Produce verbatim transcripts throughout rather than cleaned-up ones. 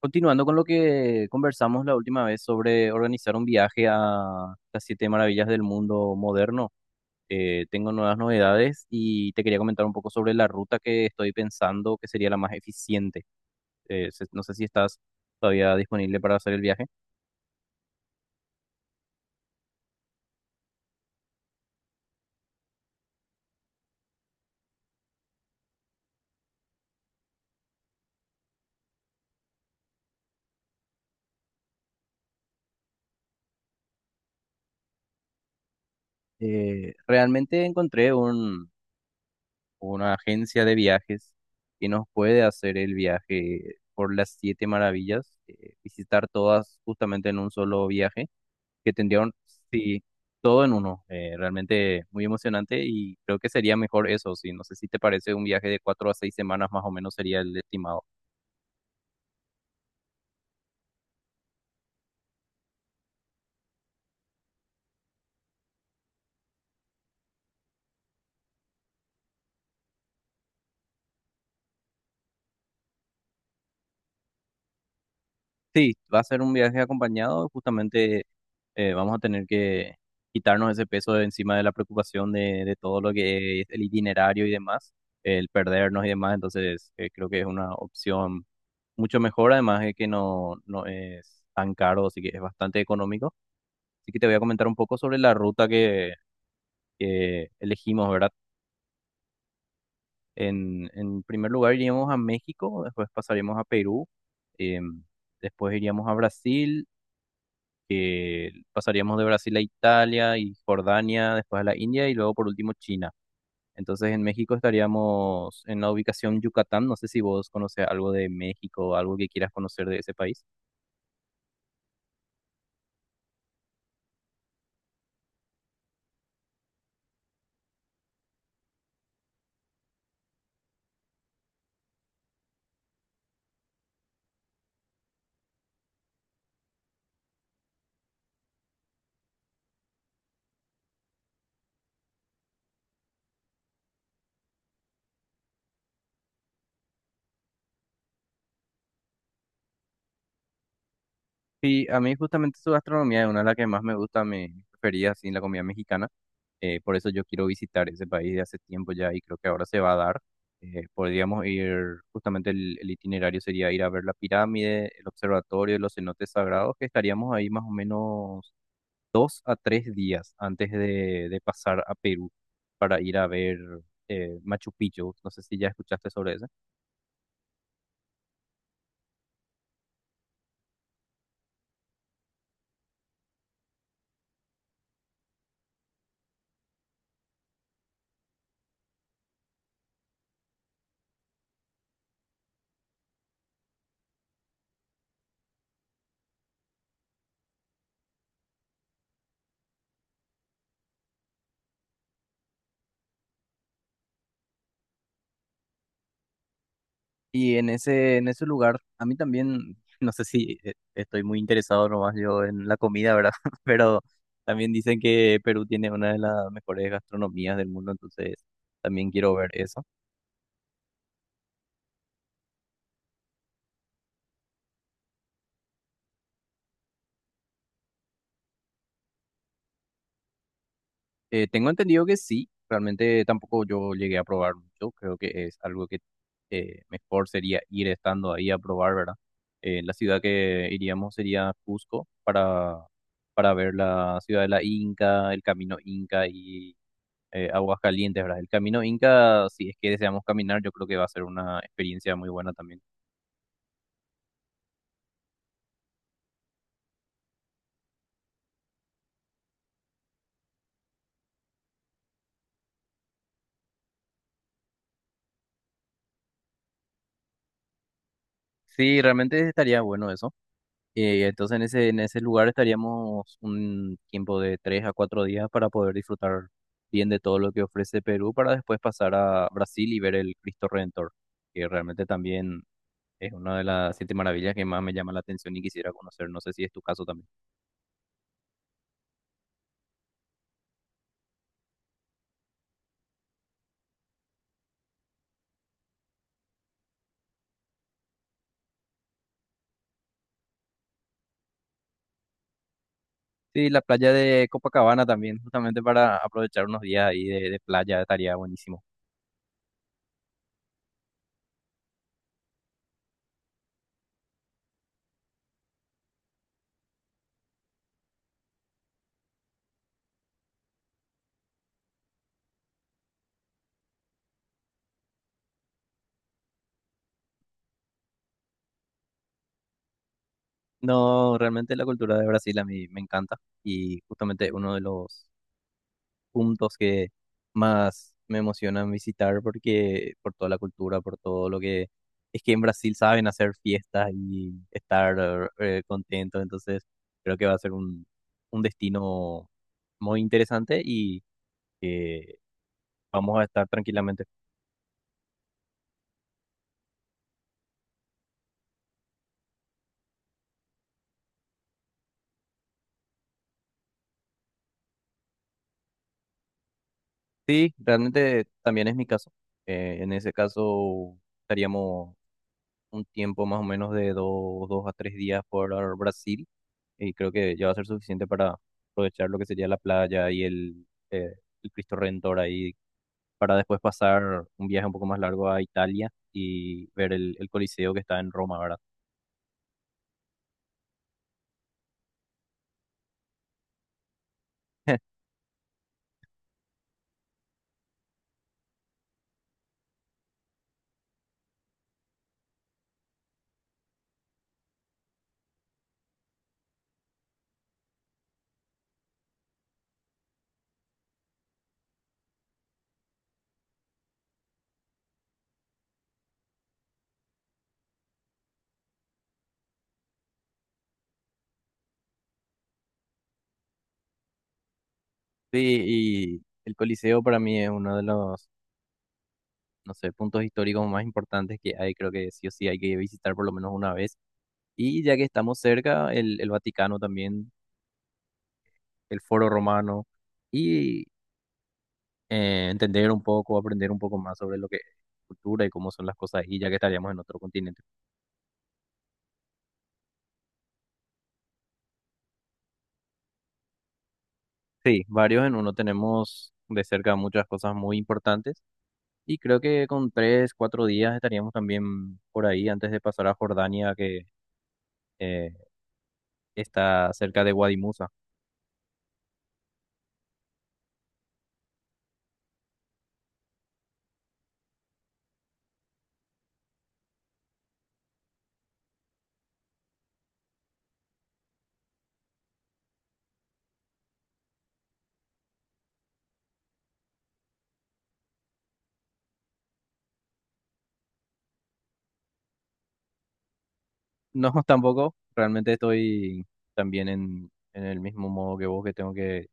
Continuando con lo que conversamos la última vez sobre organizar un viaje a las siete maravillas del mundo moderno, eh, tengo nuevas novedades y te quería comentar un poco sobre la ruta que estoy pensando que sería la más eficiente. Eh, se- no sé si estás todavía disponible para hacer el viaje. Eh, realmente encontré un- una agencia de viajes que nos puede hacer el viaje por las siete maravillas, eh, visitar todas justamente en un solo viaje que tendrían, sí, todo en uno. Eh, realmente muy emocionante y creo que sería mejor eso, sí. No sé si te parece, un viaje de cuatro a seis semanas más o menos sería el estimado. Sí, va a ser un viaje acompañado, justamente eh, vamos a tener que quitarnos ese peso de encima de la preocupación de, de todo lo que es el itinerario y demás, el perdernos y demás, entonces eh, creo que es una opción mucho mejor, además de que no, no es tan caro, así que es bastante económico. Así que te voy a comentar un poco sobre la ruta que, que elegimos, ¿verdad? En, en primer lugar iríamos a México, después pasaríamos a Perú, em, después iríamos a Brasil, que pasaríamos de Brasil a Italia y Jordania, después a la India y luego por último China. Entonces en México estaríamos en la ubicación Yucatán. No sé si vos conoces algo de México o algo que quieras conocer de ese país. Sí, a mí justamente su gastronomía es una de las que más me gusta, me prefería así en la comida mexicana. Eh, por eso yo quiero visitar ese país de hace tiempo ya y creo que ahora se va a dar. Eh, podríamos ir, justamente el, el itinerario sería ir a ver la pirámide, el observatorio, los cenotes sagrados, que estaríamos ahí más o menos dos a tres días antes de, de pasar a Perú para ir a ver, eh, Machu Picchu. No sé si ya escuchaste sobre eso. Y en ese, en ese lugar, a mí también, no sé si, eh, estoy muy interesado nomás yo en la comida, ¿verdad? Pero también dicen que Perú tiene una de las mejores gastronomías del mundo, entonces también quiero ver eso. Eh, tengo entendido que sí, realmente tampoco yo llegué a probar mucho, creo que es algo que, eh, mejor sería ir estando ahí a probar, ¿verdad? Eh, la ciudad que iríamos sería Cusco para, para ver la ciudad de la Inca, el camino Inca y, eh, aguas calientes, ¿verdad? El camino Inca, si es que deseamos caminar, yo creo que va a ser una experiencia muy buena también. Sí, realmente estaría bueno eso. Eh, entonces en ese, en ese lugar estaríamos un tiempo de tres a cuatro días para poder disfrutar bien de todo lo que ofrece Perú, para después pasar a Brasil y ver el Cristo Redentor, que realmente también es una de las siete maravillas que más me llama la atención y quisiera conocer. No sé si es tu caso también. Sí, la playa de Copacabana también, justamente para aprovechar unos días ahí de de playa, estaría buenísimo. No, realmente la cultura de Brasil a mí me encanta y justamente uno de los puntos que más me emocionan visitar, porque por toda la cultura, por todo lo que es, que en Brasil saben hacer fiestas y estar, eh, contentos, entonces creo que va a ser un, un destino muy interesante y que vamos a estar tranquilamente. Sí, realmente también es mi caso. Eh, en ese caso estaríamos un tiempo más o menos de dos, dos a tres días por Brasil, y creo que ya va a ser suficiente para aprovechar lo que sería la playa y el, eh, el Cristo Redentor ahí, para después pasar un viaje un poco más largo a Italia y ver el, el Coliseo que está en Roma, ¿verdad? Sí, y el Coliseo para mí es uno de los, no sé, puntos históricos más importantes que hay, creo que sí o sí hay que visitar por lo menos una vez. Y ya que estamos cerca, el, el Vaticano también, el Foro Romano. Y, eh, entender un poco, aprender un poco más sobre lo que es cultura y cómo son las cosas ahí, ya que estaríamos en otro continente. Sí, varios en uno, tenemos de cerca muchas cosas muy importantes y creo que con tres, cuatro días estaríamos también por ahí, antes de pasar a Jordania, que, eh, está cerca de Wadi Musa. No, tampoco, realmente estoy también en en el mismo modo que vos, que tengo que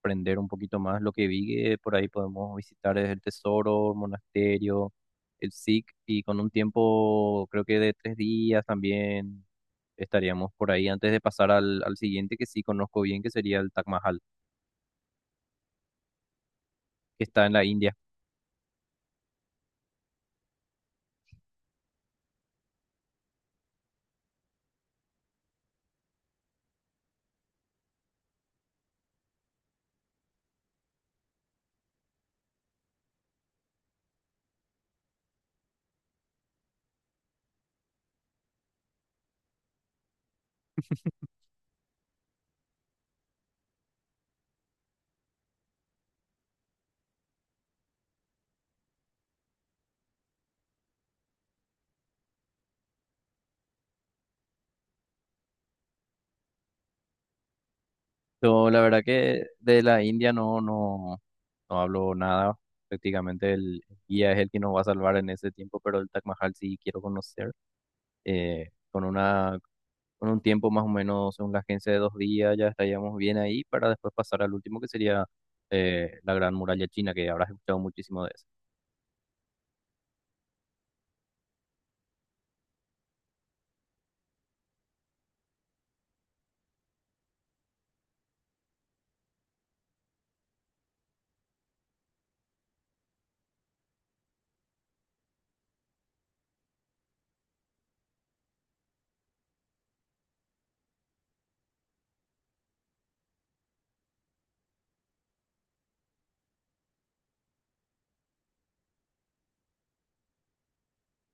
aprender un poquito más. Lo que vi que por ahí podemos visitar es el tesoro, el monasterio, el S I C, y con un tiempo creo que de tres días también estaríamos por ahí antes de pasar al, al siguiente que sí conozco bien, que sería el Taj Mahal, que está en la India. Yo la verdad que de la India no, no, no hablo nada. Prácticamente el guía es el que nos va a salvar en ese tiempo, pero el Taj Mahal sí quiero conocer. eh, con una con un tiempo más o menos, según la agencia, de dos días, ya estaríamos bien ahí, para después pasar al último, que sería, eh, la Gran Muralla China, que habrás escuchado muchísimo de eso.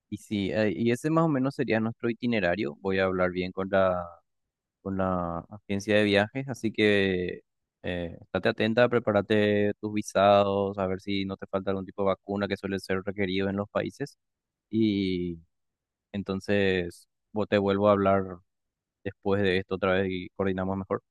Y sí, eh, y ese más o menos sería nuestro itinerario. Voy a hablar bien con la, con la agencia de viajes, así que, eh, estate atenta, prepárate tus visados, a ver si no te falta algún tipo de vacuna que suele ser requerido en los países. Y entonces, vos, te vuelvo a hablar después de esto otra vez y coordinamos mejor.